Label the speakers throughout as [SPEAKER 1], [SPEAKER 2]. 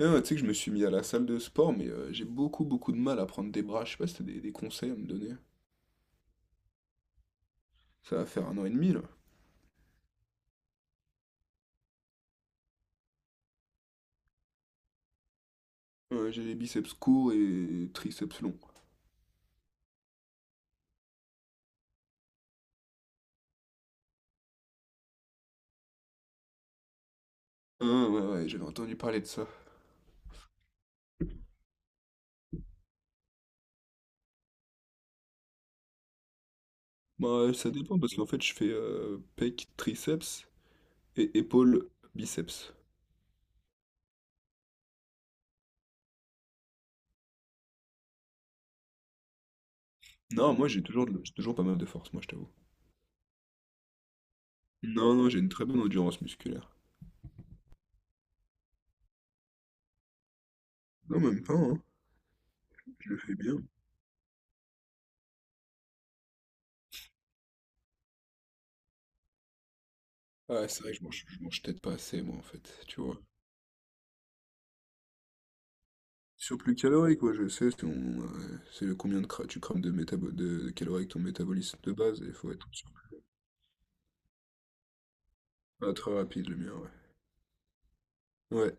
[SPEAKER 1] Ah, tu sais que je me suis mis à la salle de sport, mais j'ai beaucoup beaucoup de mal à prendre des bras. Je sais pas si t'as des conseils à me donner. Ça va faire un an et demi là. Ouais, j'ai les biceps courts et triceps longs. Ah, ouais, ouais, j'avais entendu parler de ça. Bah, ça dépend parce qu'en fait, je fais pec, triceps et épaule, biceps. Non, moi j'ai toujours pas mal de force, moi je t'avoue. Non, non, j'ai une très bonne endurance musculaire. Non, même pas, hein. Je le fais bien. Ah, c'est vrai que je mange peut-être pas assez, moi en fait, tu vois. Surplus calorique, ouais, je sais, c'est le combien tu crames de calories avec ton métabolisme de base, et il faut être. Ah, très rapide le mien, ouais. Ouais.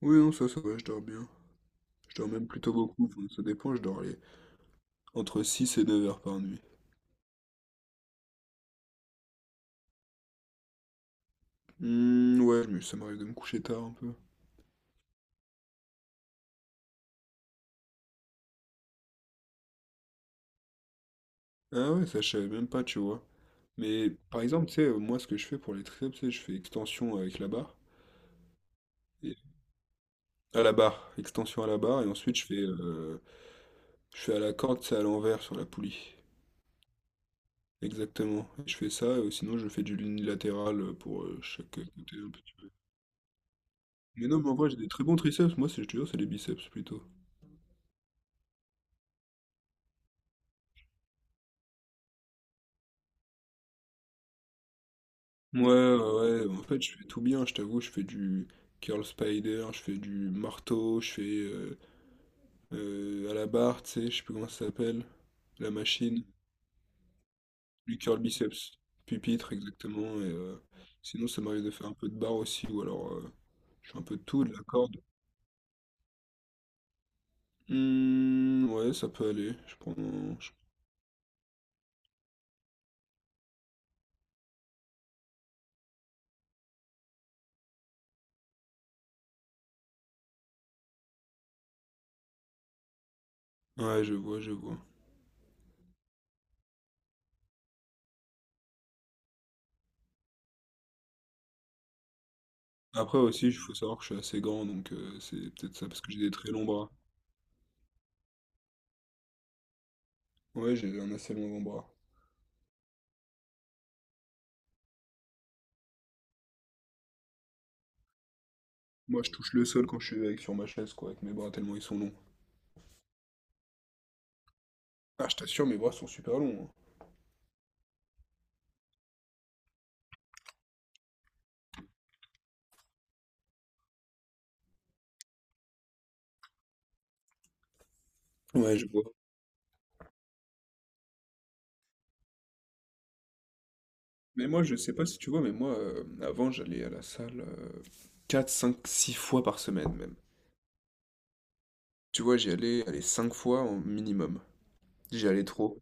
[SPEAKER 1] Oui, non, ça va, je dors bien. Je dors même plutôt beaucoup, enfin, ça dépend, je dors entre 6 et 9 heures par nuit. Hmm, ouais, mais ça m'arrive de me coucher tard un peu. Ah ouais, ça, je savais même pas, tu vois. Mais par exemple, tu sais, moi, ce que je fais pour les triceps, c'est je fais extension avec la barre. et- À la barre, extension à la barre, et ensuite je fais à la corde, c'est à l'envers sur la poulie. Exactement. Et je fais ça, sinon je fais du unilatéral pour chaque côté un peu. Mais non, mais en vrai, j'ai des très bons triceps. Moi, c'est, je te jure, c'est les biceps plutôt. Ouais, ouais, ouais. En fait, je fais tout bien, je t'avoue. Je fais du curl spider, je fais du marteau, je fais à la barre, tu sais, je sais plus comment ça s'appelle. La machine, du curl biceps, pupitre, exactement. Sinon, ça m'arrive de faire un peu de barre aussi, ou alors je fais un peu de tout, de la corde. Hmm, ouais, ça peut aller. Je prends. je- Ouais, je vois, je vois. Après aussi, il faut savoir que je suis assez grand, donc c'est peut-être ça parce que j'ai des très longs bras. Ouais, j'ai un assez long bras. Moi, je touche le sol quand je suis avec sur ma chaise, quoi, avec mes bras tellement ils sont longs. Ah, je t'assure, mes bras sont super longs, hein. Ouais, je vois. Mais moi, je sais pas si tu vois, mais moi, avant, j'allais à la salle 4, 5, 6 fois par semaine même. Tu vois, j'y allais, allez, 5 fois au minimum. J'y allais trop.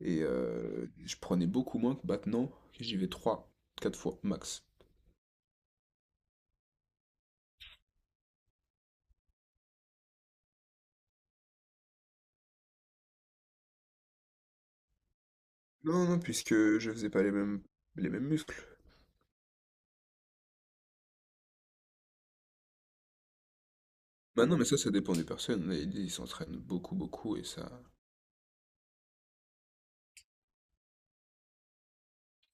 [SPEAKER 1] Et je prenais beaucoup moins que maintenant, que j'y vais 3, 4 fois max. Non, non, puisque je faisais pas les mêmes muscles. Bah non, mais ça dépend des personnes. Il y a ils s'entraînent beaucoup, beaucoup et ça.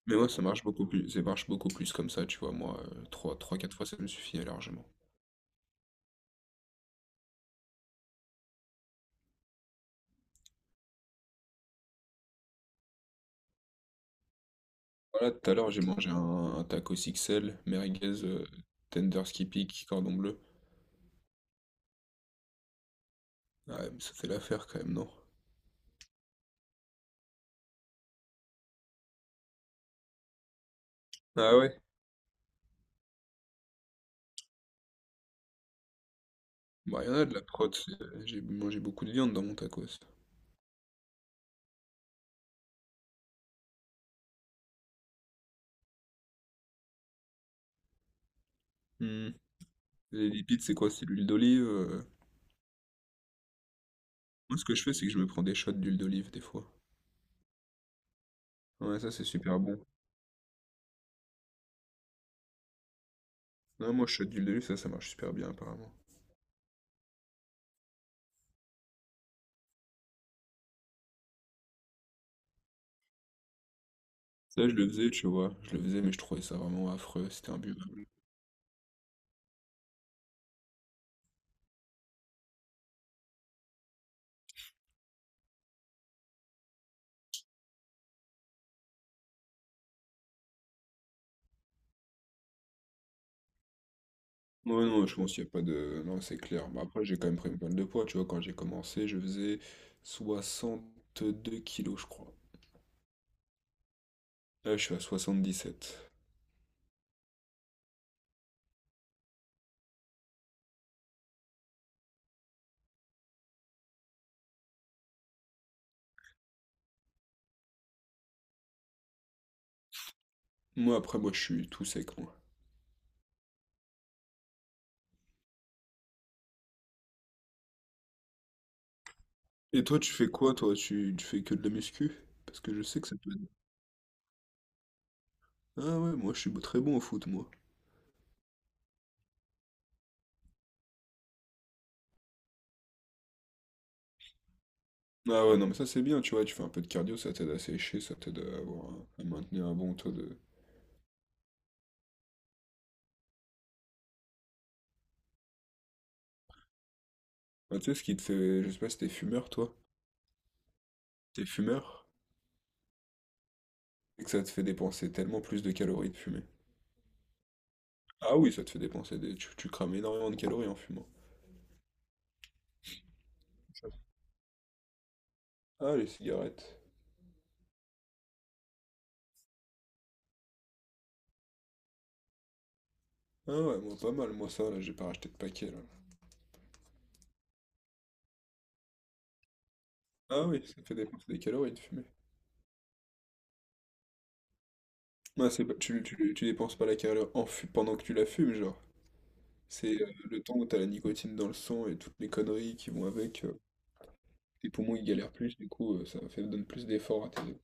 [SPEAKER 1] Mais moi, ça marche beaucoup plus. Ça marche beaucoup plus comme ça, tu vois. Moi, trois 4 fois, ça me suffit largement. Voilà, tout à l'heure, j'ai mangé un taco XL, merguez, tender skippy, cordon bleu. Ah, ouais, mais ça fait l'affaire quand même, non? Ah ouais? Bah, il y en a de la prot. J'ai mangé beaucoup de viande dans mon tacos. Hmm. Les lipides, c'est quoi? C'est l'huile d'olive. Moi, ce que je fais, c'est que je me prends des shots d'huile d'olive des fois. Ouais, ça, c'est super bon. Ouais, moi, shot d'huile d'olive, ça marche super bien, apparemment. Ça, je le faisais, tu vois. Je le faisais, mais je trouvais ça vraiment affreux. C'était imbuvable. Ouais, non, je pense qu'il n'y a pas de. Non, c'est clair. Bah, après, j'ai quand même pris une bonne de poids, tu vois. Quand j'ai commencé, je faisais 62 kilos, je crois. Là, je suis à 77. Moi, après, moi, je suis tout sec, moi. Et toi, tu fais quoi, toi? Tu fais que de la muscu? Parce que je sais que ça peut être. Ah ouais, moi, je suis très bon au foot, moi. Ah ouais, non, mais ça, c'est bien, tu vois. Tu fais un peu de cardio, ça t'aide à sécher, ça t'aide à avoir à maintenir un bon taux de. Ah, tu sais, ce qui te fait. Je sais pas si t'es fumeur, toi. T'es fumeur? Et que ça te fait dépenser tellement plus de calories de fumer. Ah oui, ça te fait dépenser des. Tu crames énormément de calories en fumant. Ah, les cigarettes. Ah ouais, moi pas mal, moi ça, là, j'ai pas racheté de paquet, là. Ah oui, ça te fait dépenser des calories de fumer. Ah, c'est pas- tu dépenses pas la calorie pendant que tu la fumes, genre. C'est le temps où t'as la nicotine dans le sang et toutes les conneries qui vont avec. Tes poumons, ils galèrent plus, du coup, donne plus d'efforts à tes.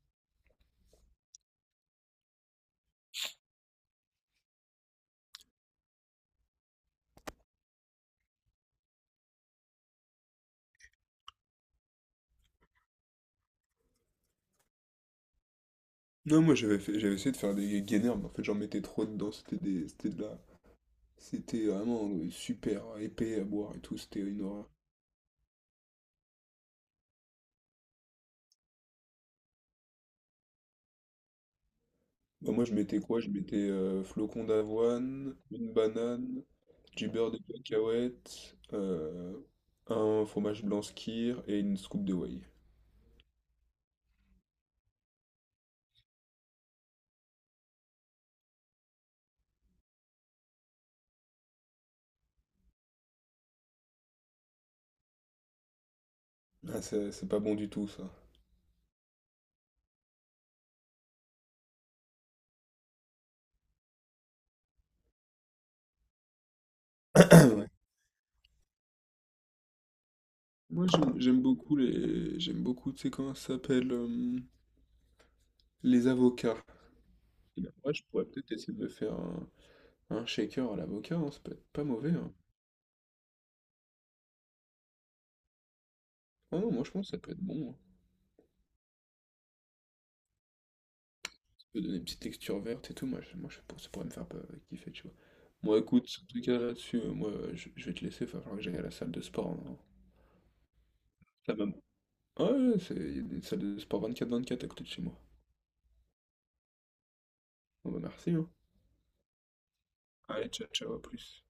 [SPEAKER 1] Non, moi j'avais essayé de faire des gainers, mais en fait j'en mettais trop dedans, c'était de la. C'était vraiment super épais à boire et tout, c'était une horreur. Bah, moi, je mettais quoi? Je mettais flocons d'avoine, une banane, du beurre de cacahuète, un fromage blanc skyr et une scoop de whey. Ah, c'est pas bon du tout, ça. Ouais. Moi, j'aime beaucoup les. J'aime beaucoup, tu sais comment ça s'appelle? Les avocats. Et ben, moi, je pourrais peut-être essayer de me faire un shaker à l'avocat, hein, ça peut être pas mauvais, hein. Ah non, moi, je pense que ça peut être bon, hein. Peux donner une petite texture verte et tout, moi, moi je, ça pourrait me faire pas kiffer, tu vois. Moi, écoute, en tout cas, là-dessus, moi, je vais te laisser, il va falloir que j'aille à la salle de sport, hein. La même. Ouais, ouais, il y a des salles de sport 24/24 à côté de chez moi. Bon, bah, merci, hein. Allez, ciao, ciao, à plus.